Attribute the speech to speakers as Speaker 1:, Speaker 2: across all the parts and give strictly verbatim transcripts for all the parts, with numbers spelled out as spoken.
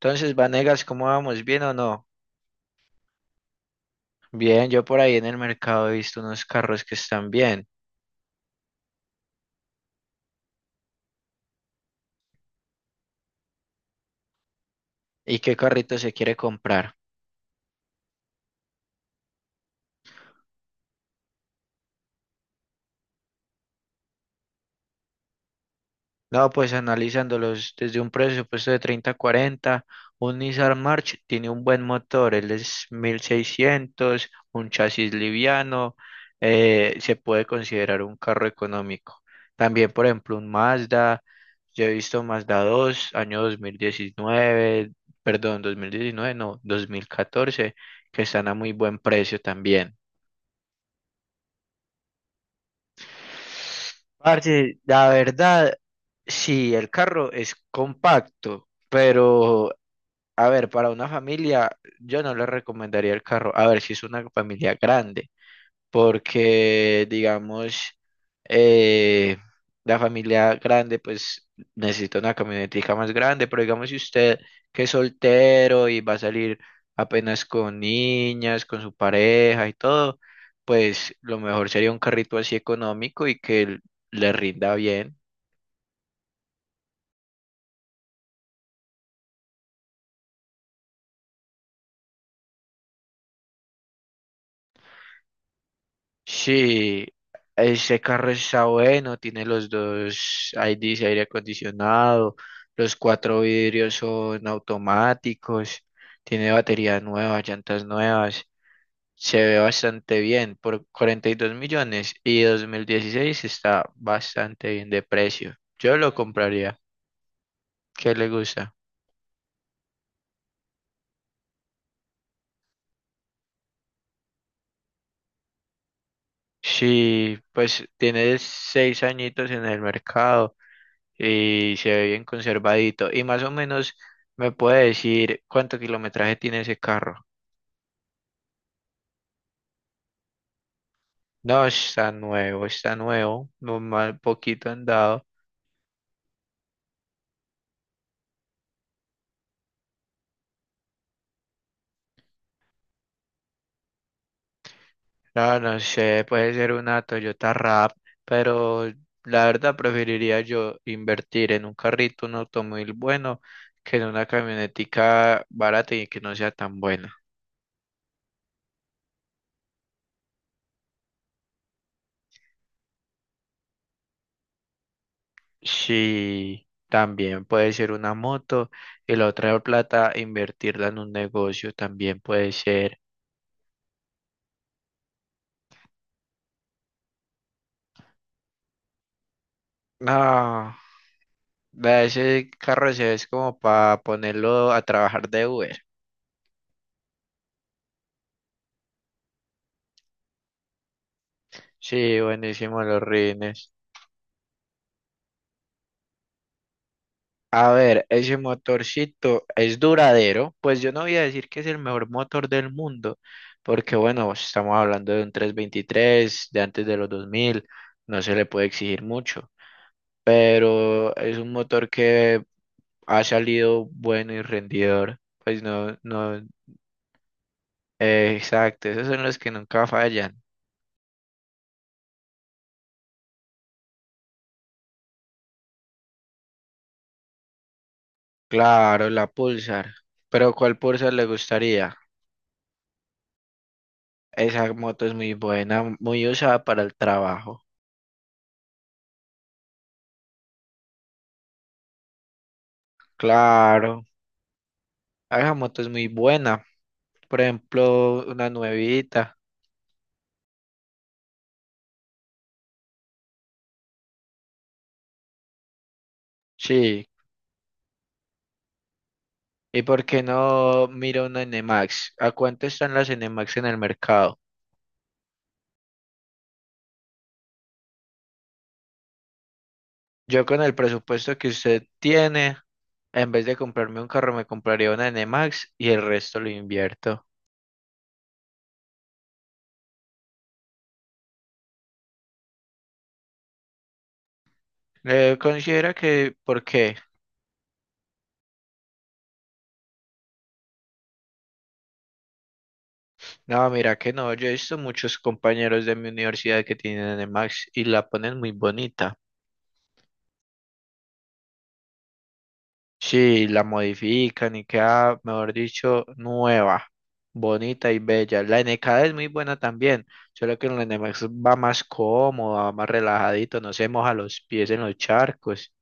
Speaker 1: Entonces, Vanegas, ¿cómo vamos? ¿Bien o no? Bien, yo por ahí en el mercado he visto unos carros que están bien. ¿Y qué carrito se quiere comprar? No, pues analizándolos desde un presupuesto de treinta a cuarenta, un Nissan March tiene un buen motor, él es mil seiscientos, un chasis liviano, eh, se puede considerar un carro económico. También, por ejemplo, un Mazda, yo he visto Mazda dos año dos mil diecinueve, perdón, dos mil diecinueve no, dos mil catorce, que están a muy buen precio también. Parce, la verdad, sí, el carro es compacto, pero a ver, para una familia, yo no le recomendaría el carro. A ver, si es una familia grande, porque digamos, eh, la familia grande pues necesita una camionetica más grande, pero digamos si usted, que es soltero y va a salir apenas con niñas, con su pareja y todo, pues lo mejor sería un carrito así económico y que l- le rinda bien. Sí, ese carro está bueno, tiene los dos I Ds, aire acondicionado, los cuatro vidrios son automáticos, tiene batería nueva, llantas nuevas, se ve bastante bien por cuarenta y dos millones, y dos mil dieciséis está bastante bien de precio. Yo lo compraría. ¿Qué le gusta? Sí, pues tiene seis añitos en el mercado. Y se ve bien conservadito. Y más o menos me puede decir cuánto kilometraje tiene ese carro. No, está nuevo, está nuevo, no mal, poquito andado. No, no sé, puede ser una Toyota Rap, pero la verdad preferiría yo invertir en un carrito, un automóvil bueno, que en una camionetica barata y que no sea tan buena. Sí, también puede ser una moto, y la otra plata invertirla en un negocio, también puede ser. No, vea, ese carro se es como para ponerlo a trabajar de Uber. Sí, buenísimo los rines. A ver, ese motorcito es duradero. Pues yo no voy a decir que es el mejor motor del mundo, porque bueno, pues, estamos hablando de un trescientos veintitrés de antes de los dos mil, no se le puede exigir mucho, pero es un motor que ha salido bueno y rendidor. Pues no, no, eh, exacto, esos son los que nunca fallan. Claro, la Pulsar. Pero ¿cuál Pulsar le gustaría? Esa moto es muy buena, muy usada para el trabajo. Claro, esa moto es muy buena. Por ejemplo, una nuevita. Sí. ¿Y por qué no mira una NMAX? ¿A cuánto están las NMAX en el mercado? Yo con el presupuesto que usted tiene, en vez de comprarme un carro, me compraría una NMAX y el resto lo invierto. Eh, considera que, ¿por qué? No, mira que no, yo he visto muchos compañeros de mi universidad que tienen Nemax y la ponen muy bonita. Sí, la modifican y queda, mejor dicho, nueva, bonita y bella. La N K es muy buena también, solo que la Nemax va más cómoda, más relajadito, no se moja los pies en los charcos.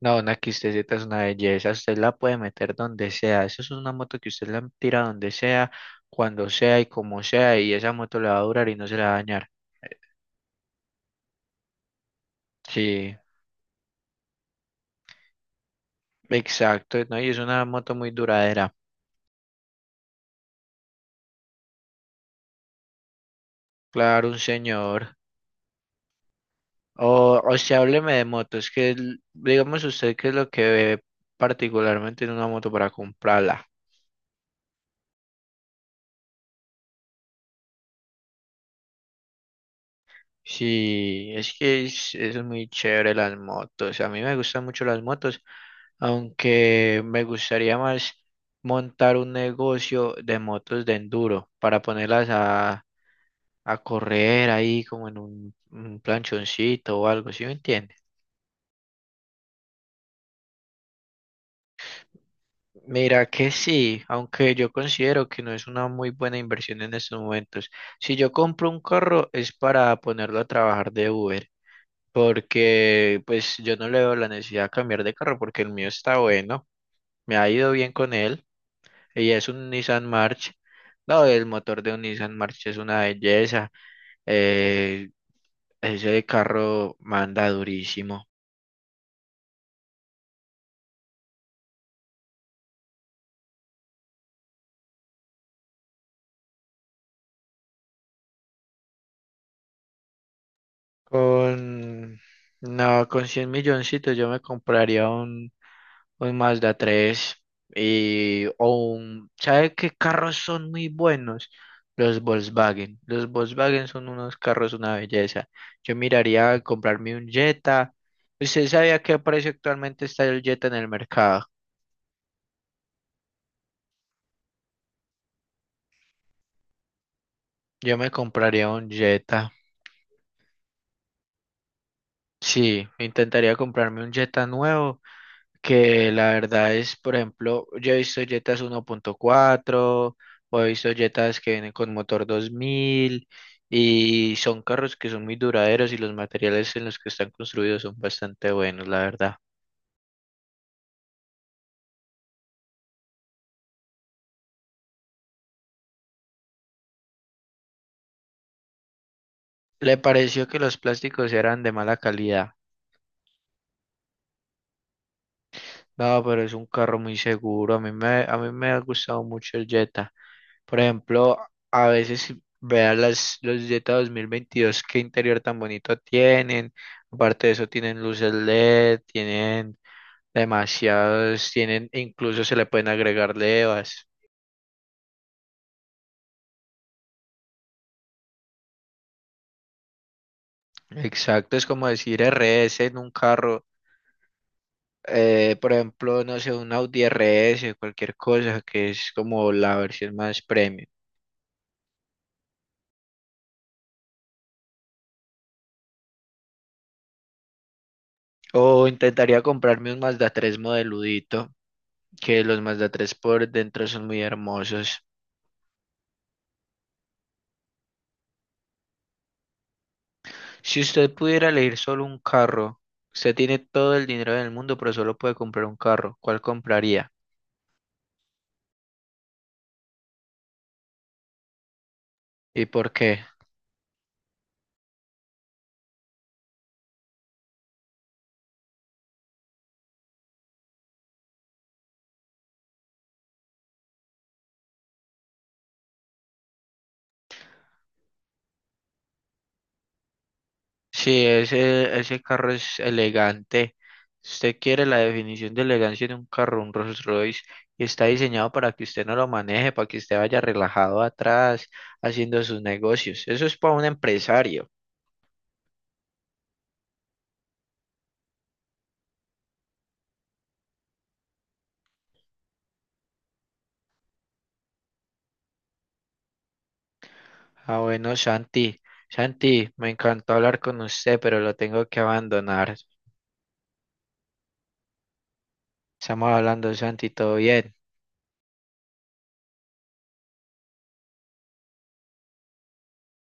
Speaker 1: No, una X T Z es una belleza, usted la puede meter donde sea. Eso es una moto que usted la tira donde sea, cuando sea y como sea, y esa moto le va a durar y no se la va a dañar. Sí. Exacto, ¿no? Y es una moto muy duradera. Claro, un señor. O, o sea, hábleme de motos, que el- digamos usted qué es lo que ve particularmente en una moto para comprarla. Sí, es que es, es muy chévere las motos. A mí me gustan mucho las motos, aunque me gustaría más montar un negocio de motos de enduro para ponerlas a, a correr ahí como en un, un planchoncito o algo, ¿sí me entiende? Mira que sí, aunque yo considero que no es una muy buena inversión en estos momentos. Si yo compro un carro es para ponerlo a trabajar de Uber, porque pues yo no le veo la necesidad de cambiar de carro porque el mío está bueno, me ha ido bien con él y es un Nissan March. No, el motor de un Nissan March es una belleza. eh, ese carro manda durísimo. Con, no, con cien milloncitos yo me compraría un, un Mazda tres y, o un, ¿sabe qué carros son muy buenos? Los Volkswagen. Los Volkswagen son unos carros una belleza. Yo miraría a comprarme un Jetta. ¿Usted sabe a qué precio actualmente está el Jetta en el mercado? Yo me compraría un Jetta. Sí, intentaría comprarme un Jetta nuevo que la verdad es, por ejemplo, yo he visto Jetas uno punto cuatro o he visto Jetas que vienen con motor dos mil, y son carros que son muy duraderos y los materiales en los que están construidos son bastante buenos, la verdad. Le pareció que los plásticos eran de mala calidad. No, pero es un carro muy seguro. A mí me, a mí me ha gustado mucho el Jetta. Por ejemplo, a veces vean las, los Jetta dos mil veintidós, qué interior tan bonito tienen. Aparte de eso, tienen luces LED, tienen demasiados, tienen, incluso se le pueden agregar levas. Exacto, es como decir R S en un carro. eh, por ejemplo, no sé, un Audi R S, cualquier cosa que es como la versión más premium. O intentaría comprarme un Mazda tres modeludito, que los Mazda tres por dentro son muy hermosos. Si usted pudiera elegir solo un carro, usted tiene todo el dinero del mundo, pero solo puede comprar un carro. ¿Cuál compraría? ¿Y por qué? Si ese, ese carro es elegante, si usted quiere la definición de elegancia de un carro, un Rolls Royce, y está diseñado para que usted no lo maneje, para que usted vaya relajado atrás haciendo sus negocios. Eso es para un empresario. Ah, bueno, Santi. Santi, me encantó hablar con usted, pero lo tengo que abandonar. Estamos hablando, Santi, todo bien.